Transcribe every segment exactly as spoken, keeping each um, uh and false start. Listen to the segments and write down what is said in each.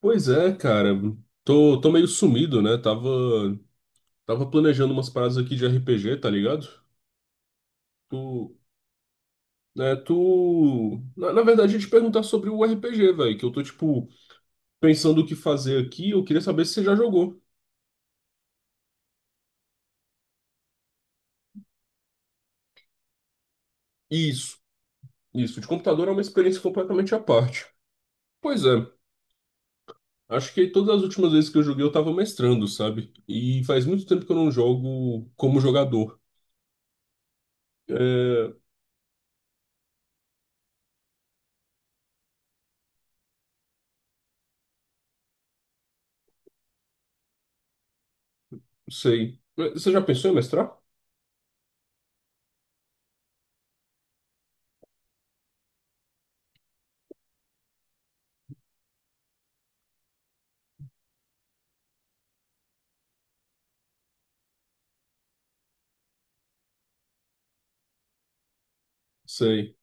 Pois é, cara. Tô, tô meio sumido, né? Tava, tava planejando umas paradas aqui de R P G, tá ligado? Tu, né, tu... Na, na verdade, a gente perguntar sobre o R P G, velho, que eu tô, tipo, pensando o que fazer aqui. Eu queria saber se você já jogou. Isso, isso. De computador é uma experiência completamente à parte. Pois é. Acho que todas as últimas vezes que eu joguei eu tava mestrando, sabe? E faz muito tempo que eu não jogo como jogador. É. Sei. Mas você já pensou em mestrar? Sei.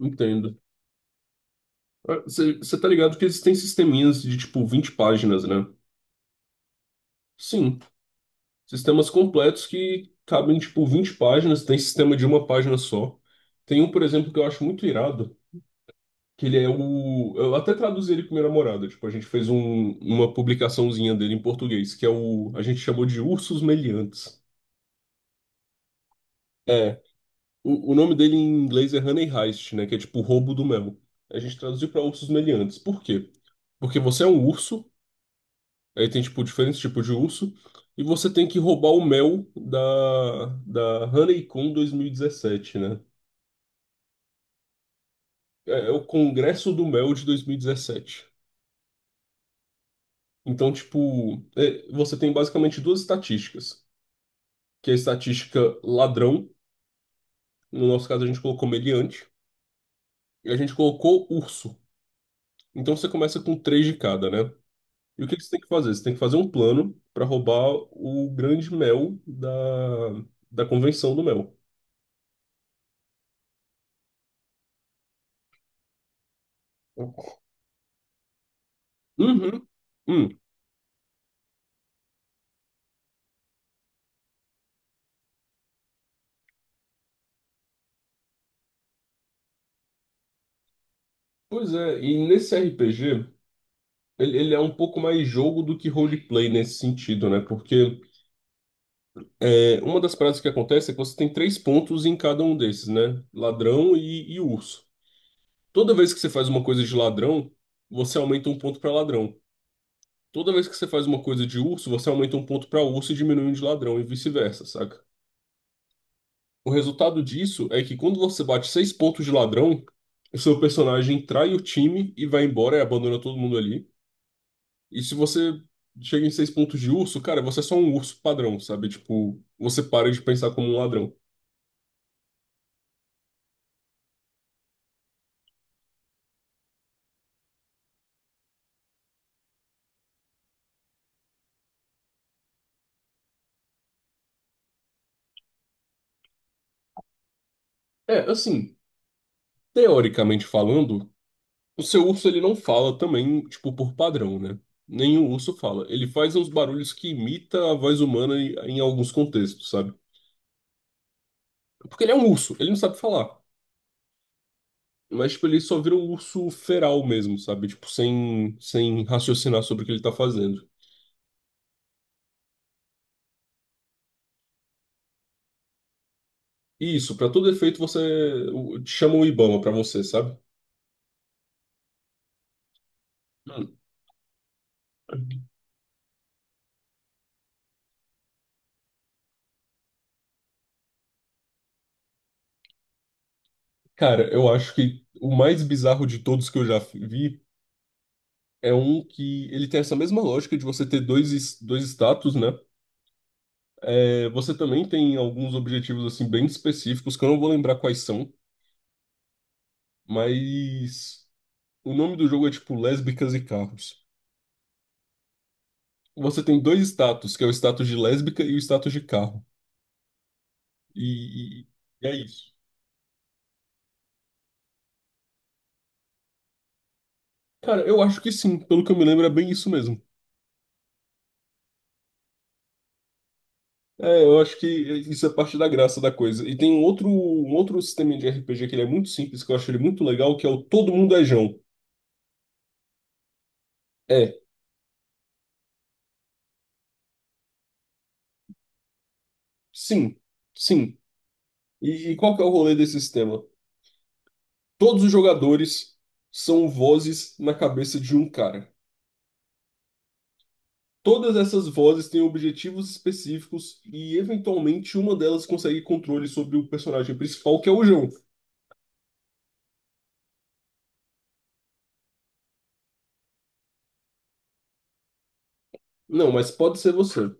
Entendo. Ah, Você você tá ligado que existem sisteminhas de tipo vinte páginas, né? Sim. Sistemas completos que cabem tipo vinte páginas, tem sistema de uma página só. Tem um, por exemplo, que eu acho muito irado. Que ele é o. Eu até traduzi ele com minha namorada. Tipo, a gente fez um- uma publicaçãozinha dele em português, que é o. A gente chamou de Ursos Meliantes. É. O, o nome dele em inglês é Honey Heist, né? Que é tipo roubo do mel. A gente traduziu para ursos meliantes. Por quê? Porque você é um urso, aí tem, tipo, diferentes tipos de urso, e você tem que roubar o mel da, da Honeycomb dois mil e dezessete, né? É, é o Congresso do Mel de dois mil e dezessete. Então, tipo, é, você tem basicamente duas estatísticas, que é a estatística ladrão. No nosso caso, a gente colocou meliante. E a gente colocou urso. Então você começa com três de cada, né? E o que que você tem que fazer? Você tem que fazer um plano para roubar o grande mel da, da convenção do mel. Uhum. Hum. Pois é, e nesse R P G, ele, ele é um pouco mais jogo do que roleplay nesse sentido, né? Porque é, uma das práticas que acontece é que você tem três pontos em cada um desses, né? Ladrão e, e urso. Toda vez que você faz uma coisa de ladrão, você aumenta um ponto pra ladrão. Toda vez que você faz uma coisa de urso, você aumenta um ponto pra urso e diminui um de ladrão, e vice-versa, saca? O resultado disso é que quando você bate seis pontos de ladrão, o seu personagem trai o time e vai embora e abandona todo mundo ali. E se você chega em seis pontos de urso, cara, você é só um urso padrão, sabe? Tipo, você para de pensar como um ladrão. É, assim, teoricamente falando. O seu urso, ele não fala também, tipo, por padrão, né? Nenhum urso fala. Ele faz uns barulhos que imita a voz humana em, em alguns contextos, sabe? Porque ele é um urso, ele não sabe falar. Mas, tipo, ele só vira um urso feral mesmo, sabe? Tipo, sem, sem raciocinar sobre o que ele tá fazendo. E isso, pra todo efeito, você o- chama o Ibama pra você, sabe? Mano. Cara, eu acho que o mais bizarro de todos que eu já vi é um que ele tem essa mesma lógica de você ter dois, es- dois status, né? É, você também tem alguns objetivos assim bem específicos que eu não vou lembrar quais são, mas o nome do jogo é tipo Lésbicas e Carros. Você tem dois status, que é o status de lésbica e o status de carro. E, e- e é isso. Cara, eu acho que sim, pelo que eu me lembro é bem isso mesmo. É, eu acho que isso é parte da graça da coisa. E tem um outro, um outro sistema de R P G que ele é muito simples, que eu acho ele muito legal, que é o Todo Mundo é Jão. É, sim, sim. E, e qual que é o rolê desse sistema? Todos os jogadores são vozes na cabeça de um cara. Todas essas vozes têm objetivos específicos e, eventualmente, uma delas consegue controle sobre o personagem principal, que é o João. Não, mas pode ser você.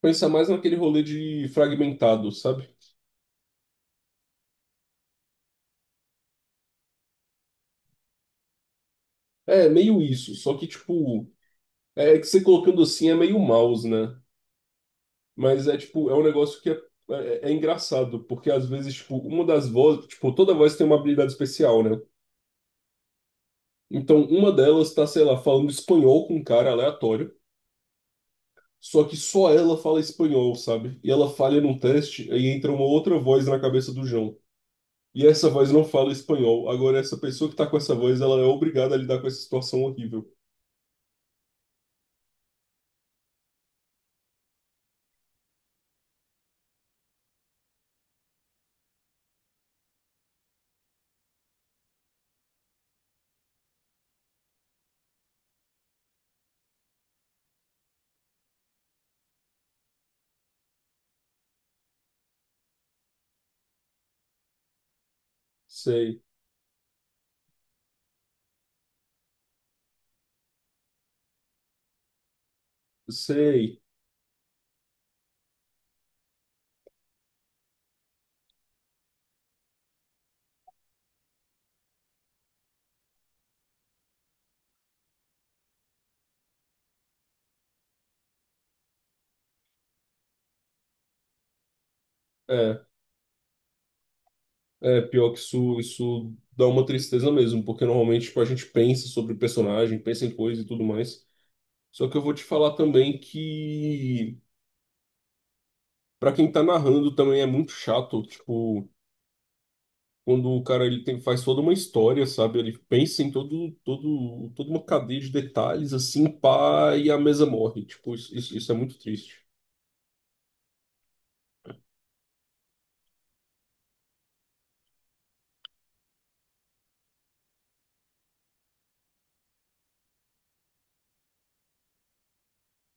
Pensa mais naquele rolê de fragmentado, sabe? É meio isso, só que, tipo, é que você colocando assim é meio mouse, né? Mas é, tipo, é um negócio que é, é, é engraçado, porque às vezes, tipo, uma das vozes, tipo, toda voz tem uma habilidade especial, né? Então, uma delas tá, sei lá, falando espanhol com um cara aleatório, só que só ela fala espanhol, sabe? E ela falha num teste, aí entra uma outra voz na cabeça do João. E essa voz não fala espanhol. Agora, essa pessoa que tá com essa voz, ela é obrigada a lidar com essa situação horrível. Sei, sei. É, é pior que isso, isso dá uma tristeza mesmo, porque normalmente, tipo, a gente pensa sobre o personagem, pensa em coisa e tudo mais. Só que eu vou te falar também que, pra quem tá narrando, também é muito chato, tipo, quando o cara ele tem, faz toda uma história, sabe? Ele pensa em todo, todo, toda uma cadeia de detalhes, assim, pá, e a mesa morre. Tipo, isso, isso, isso é muito triste.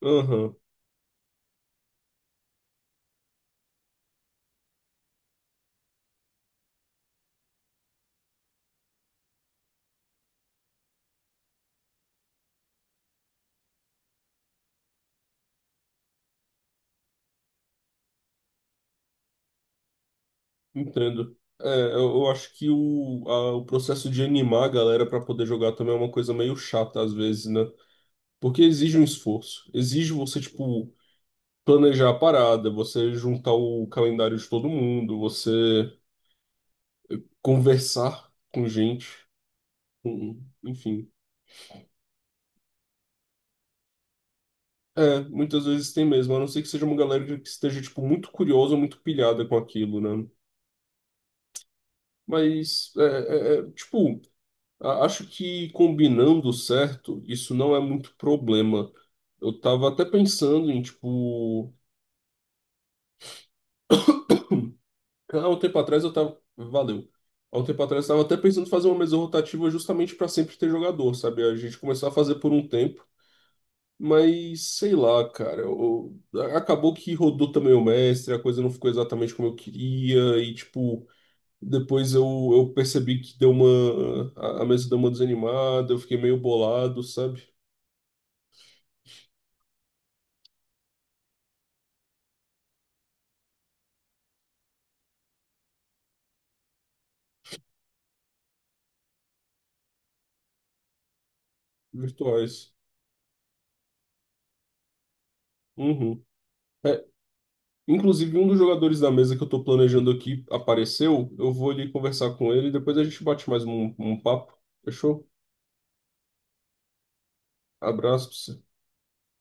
Aham, entendo. É, eu, eu acho que o, a- o processo de animar a galera pra poder jogar também é uma coisa meio chata às vezes, né? Porque exige um esforço. Exige você, tipo, planejar a parada, você juntar o calendário de todo mundo, você conversar com gente, com- enfim. É, muitas vezes tem mesmo, a não ser que seja uma galera que esteja, tipo, muito curiosa, muito pilhada com aquilo, né? Mas, é, é, é, tipo, a- acho que combinando certo, isso não é muito problema. Eu tava até pensando em, tipo... Há um tempo atrás eu tava... Valeu. Há um tempo atrás eu tava até pensando em fazer uma mesa rotativa justamente para sempre ter jogador, sabe? A gente começar a fazer por um tempo. Mas sei lá, cara. Eu- acabou que rodou também o mestre, a coisa não ficou exatamente como eu queria, e tipo, depois eu, eu percebi que deu uma. A, a mesa deu uma desanimada, eu fiquei meio bolado, sabe? Virtuais. Uhum. É, inclusive, um dos jogadores da mesa que eu tô planejando aqui apareceu. Eu vou ali conversar com ele, e depois a gente bate mais um, um papo. Fechou? Abraço pra você.